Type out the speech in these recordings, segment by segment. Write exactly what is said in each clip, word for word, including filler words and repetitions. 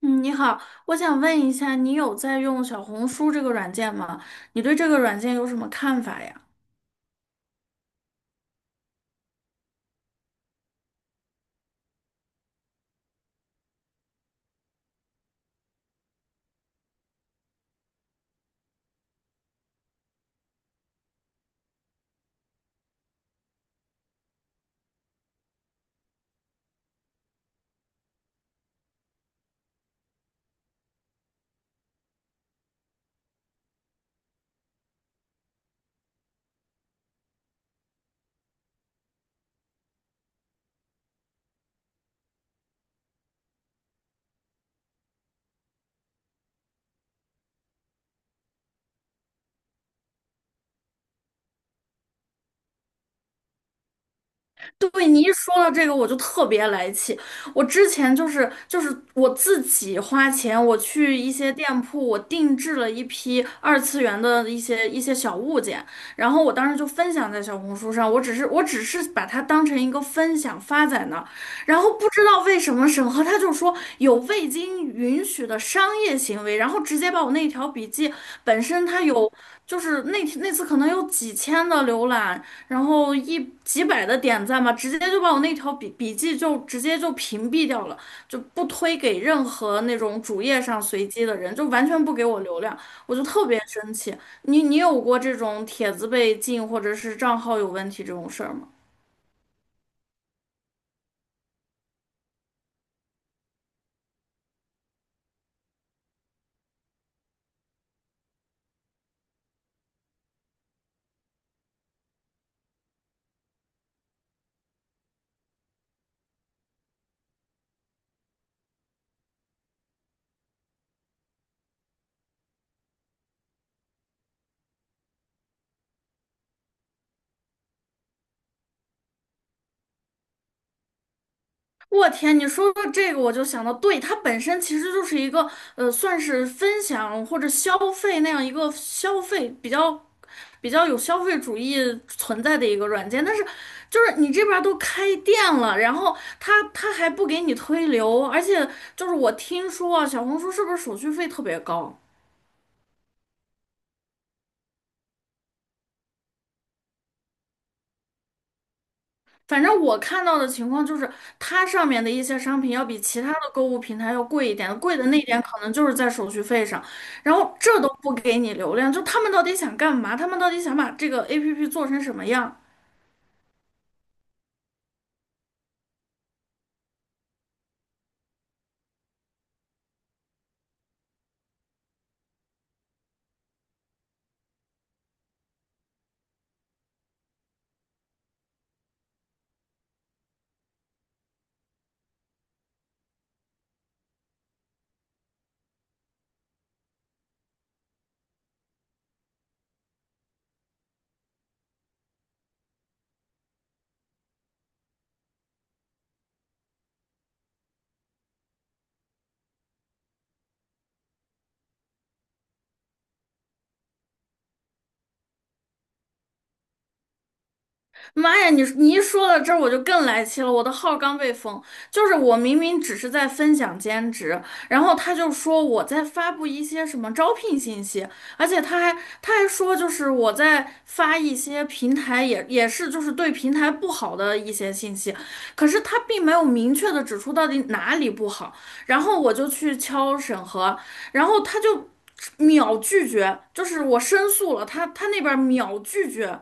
嗯，你好，我想问一下，你有在用小红书这个软件吗？你对这个软件有什么看法呀？对，你一说到这个，我就特别来气。我之前就是就是我自己花钱，我去一些店铺，我定制了一批二次元的一些一些小物件，然后我当时就分享在小红书上，我只是我只是把它当成一个分享发在那儿，然后不知道为什么审核他就说有未经允许的商业行为，然后直接把我那条笔记本身它有。就是那那次可能有几千的浏览，然后一几百的点赞吧，直接就把我那条笔笔记就直接就屏蔽掉了，就不推给任何那种主页上随机的人，就完全不给我流量，我就特别生气。你你有过这种帖子被禁或者是账号有问题这种事儿吗？我天，你说到这个，我就想到，对，它本身其实就是一个，呃，算是分享或者消费那样一个消费比较比较有消费主义存在的一个软件。但是，就是你这边儿都开店了，然后它它还不给你推流，而且就是我听说啊，小红书是不是手续费特别高？反正我看到的情况就是，它上面的一些商品要比其他的购物平台要贵一点，贵的那一点可能就是在手续费上，然后这都不给你流量，就他们到底想干嘛？他们到底想把这个 A P P 做成什么样？妈呀，你你一说到这儿，我就更来气了。我的号刚被封，就是我明明只是在分享兼职，然后他就说我在发布一些什么招聘信息，而且他还他还说就是我在发一些平台也也是就是对平台不好的一些信息，可是他并没有明确的指出到底哪里不好，然后我就去敲审核，然后他就秒拒绝，就是我申诉了，他他那边秒拒绝。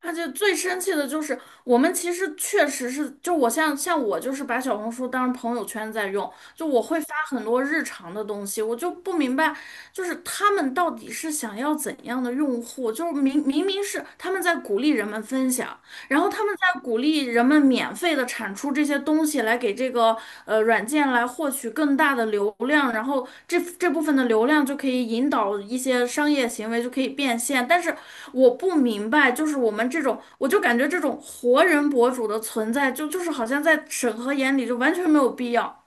而且最生气的就是，我们其实确实是，就我像像我就是把小红书当朋友圈在用，就我会发很多日常的东西，我就不明白，就是他们到底是想要怎样的用户？就是明明明是他们在鼓励人们分享，然后他们在鼓励人们免费的产出这些东西，来给这个呃软件来获取更大的流量，然后这这部分的流量就可以引导一些商业行为，就可以变现。但是我不明白，就是我们这种，我就感觉这种活人博主的存在就就是好像在审核眼里就完全没有必要。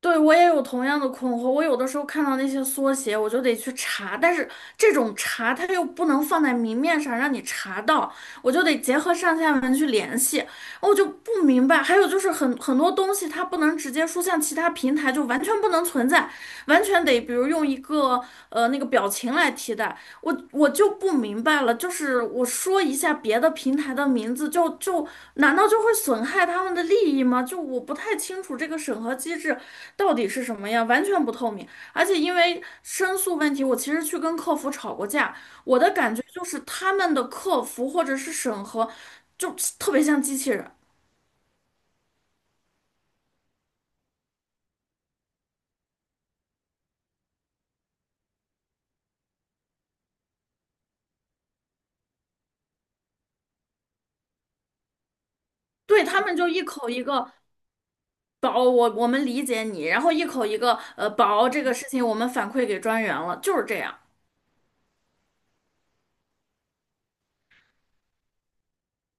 对，我也有同样的困惑。我有的时候看到那些缩写，我就得去查，但是这种查它又不能放在明面上让你查到，我就得结合上下文去联系。我就不明白。还有就是很很多东西它不能直接说，像其他平台，就完全不能存在，完全得比如用一个呃那个表情来替代。我我就不明白了，就是我说一下别的平台的名字，就就难道就会损害他们的利益吗？就我不太清楚这个审核机制到底是什么样，完全不透明。而且因为申诉问题，我其实去跟客服吵过架，我的感觉就是他们的客服或者是审核。就特别像机器人。对，他们就一口一个宝，我我们理解你，然后一口一个呃宝这个事情我们反馈给专员了，就是这样。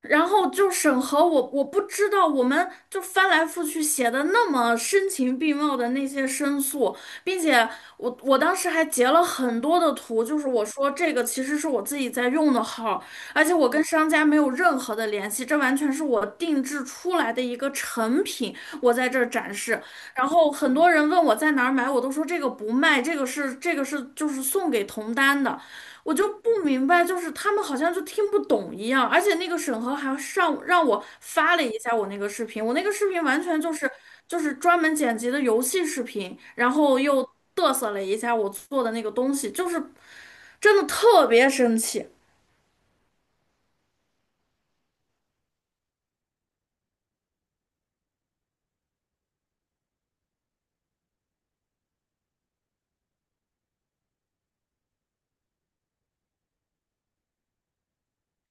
然后就审核我，我不知道，我们就翻来覆去写的那么深情并茂的那些申诉，并且我我当时还截了很多的图，就是我说这个其实是我自己在用的号，而且我跟商家没有任何的联系，这完全是我定制出来的一个成品，我在这儿展示。然后很多人问我在哪儿买，我都说这个不卖，这个是这个是就是送给同单的。我就不明白，就是他们好像就听不懂一样，而且那个审核还上让我发了一下我那个视频，我那个视频完全就是就是专门剪辑的游戏视频，然后又嘚瑟了一下我做的那个东西，就是真的特别生气。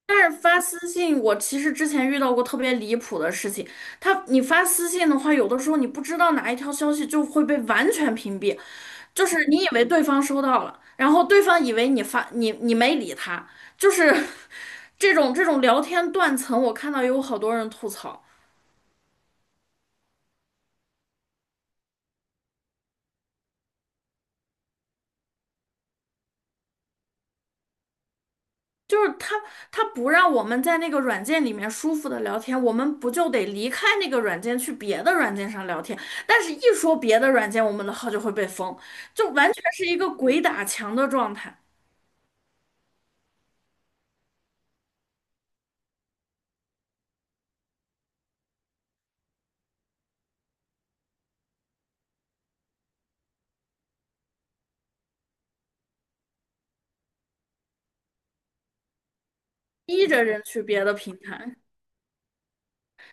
但是发私信，我其实之前遇到过特别离谱的事情。他，你发私信的话，有的时候你不知道哪一条消息就会被完全屏蔽，就是你以为对方收到了，然后对方以为你发你你没理他，就是 这种这种聊天断层，我看到有好多人吐槽。就是他他不让我们在那个软件里面舒服的聊天，我们不就得离开那个软件去别的软件上聊天？但是，一说别的软件，我们的号就会被封，就完全是一个鬼打墙的状态，逼着人去别的平台。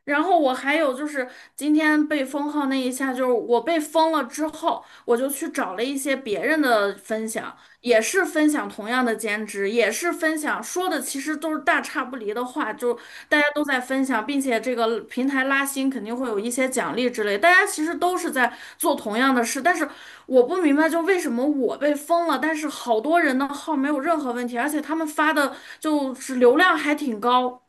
然后我还有就是今天被封号那一下，就是我被封了之后，我就去找了一些别人的分享，也是分享同样的兼职，也是分享说的其实都是大差不离的话，就大家都在分享，并且这个平台拉新肯定会有一些奖励之类，大家其实都是在做同样的事，但是我不明白就为什么我被封了，但是好多人的号没有任何问题，而且他们发的就是流量还挺高。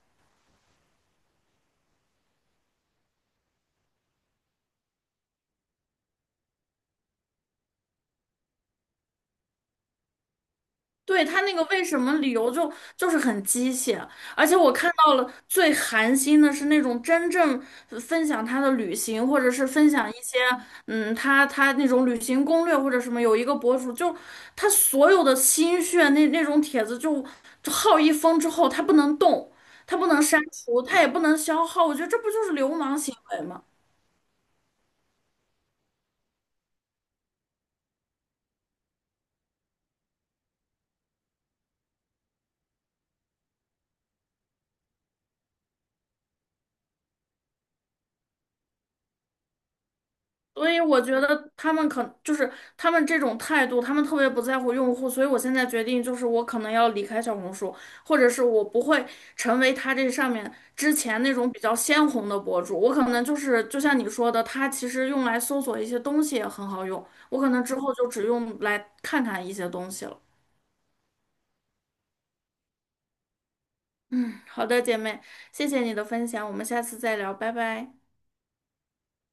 对，他那个为什么理由就就是很机械，而且我看到了最寒心的是那种真正分享他的旅行，或者是分享一些嗯他他那种旅行攻略或者什么，有一个博主就他所有的心血那那种帖子就就耗一封之后，他不能动，他不能删除，他也不能消耗，我觉得这不就是流氓行为吗？所以我觉得他们可就是他们这种态度，他们特别不在乎用户，所以我现在决定就是我可能要离开小红书，或者是我不会成为他这上面之前那种比较鲜红的博主，我可能就是就像你说的，它其实用来搜索一些东西也很好用，我可能之后就只用来看看一些东西了。好的，姐妹，谢谢你的分享，我们下次再聊，拜拜。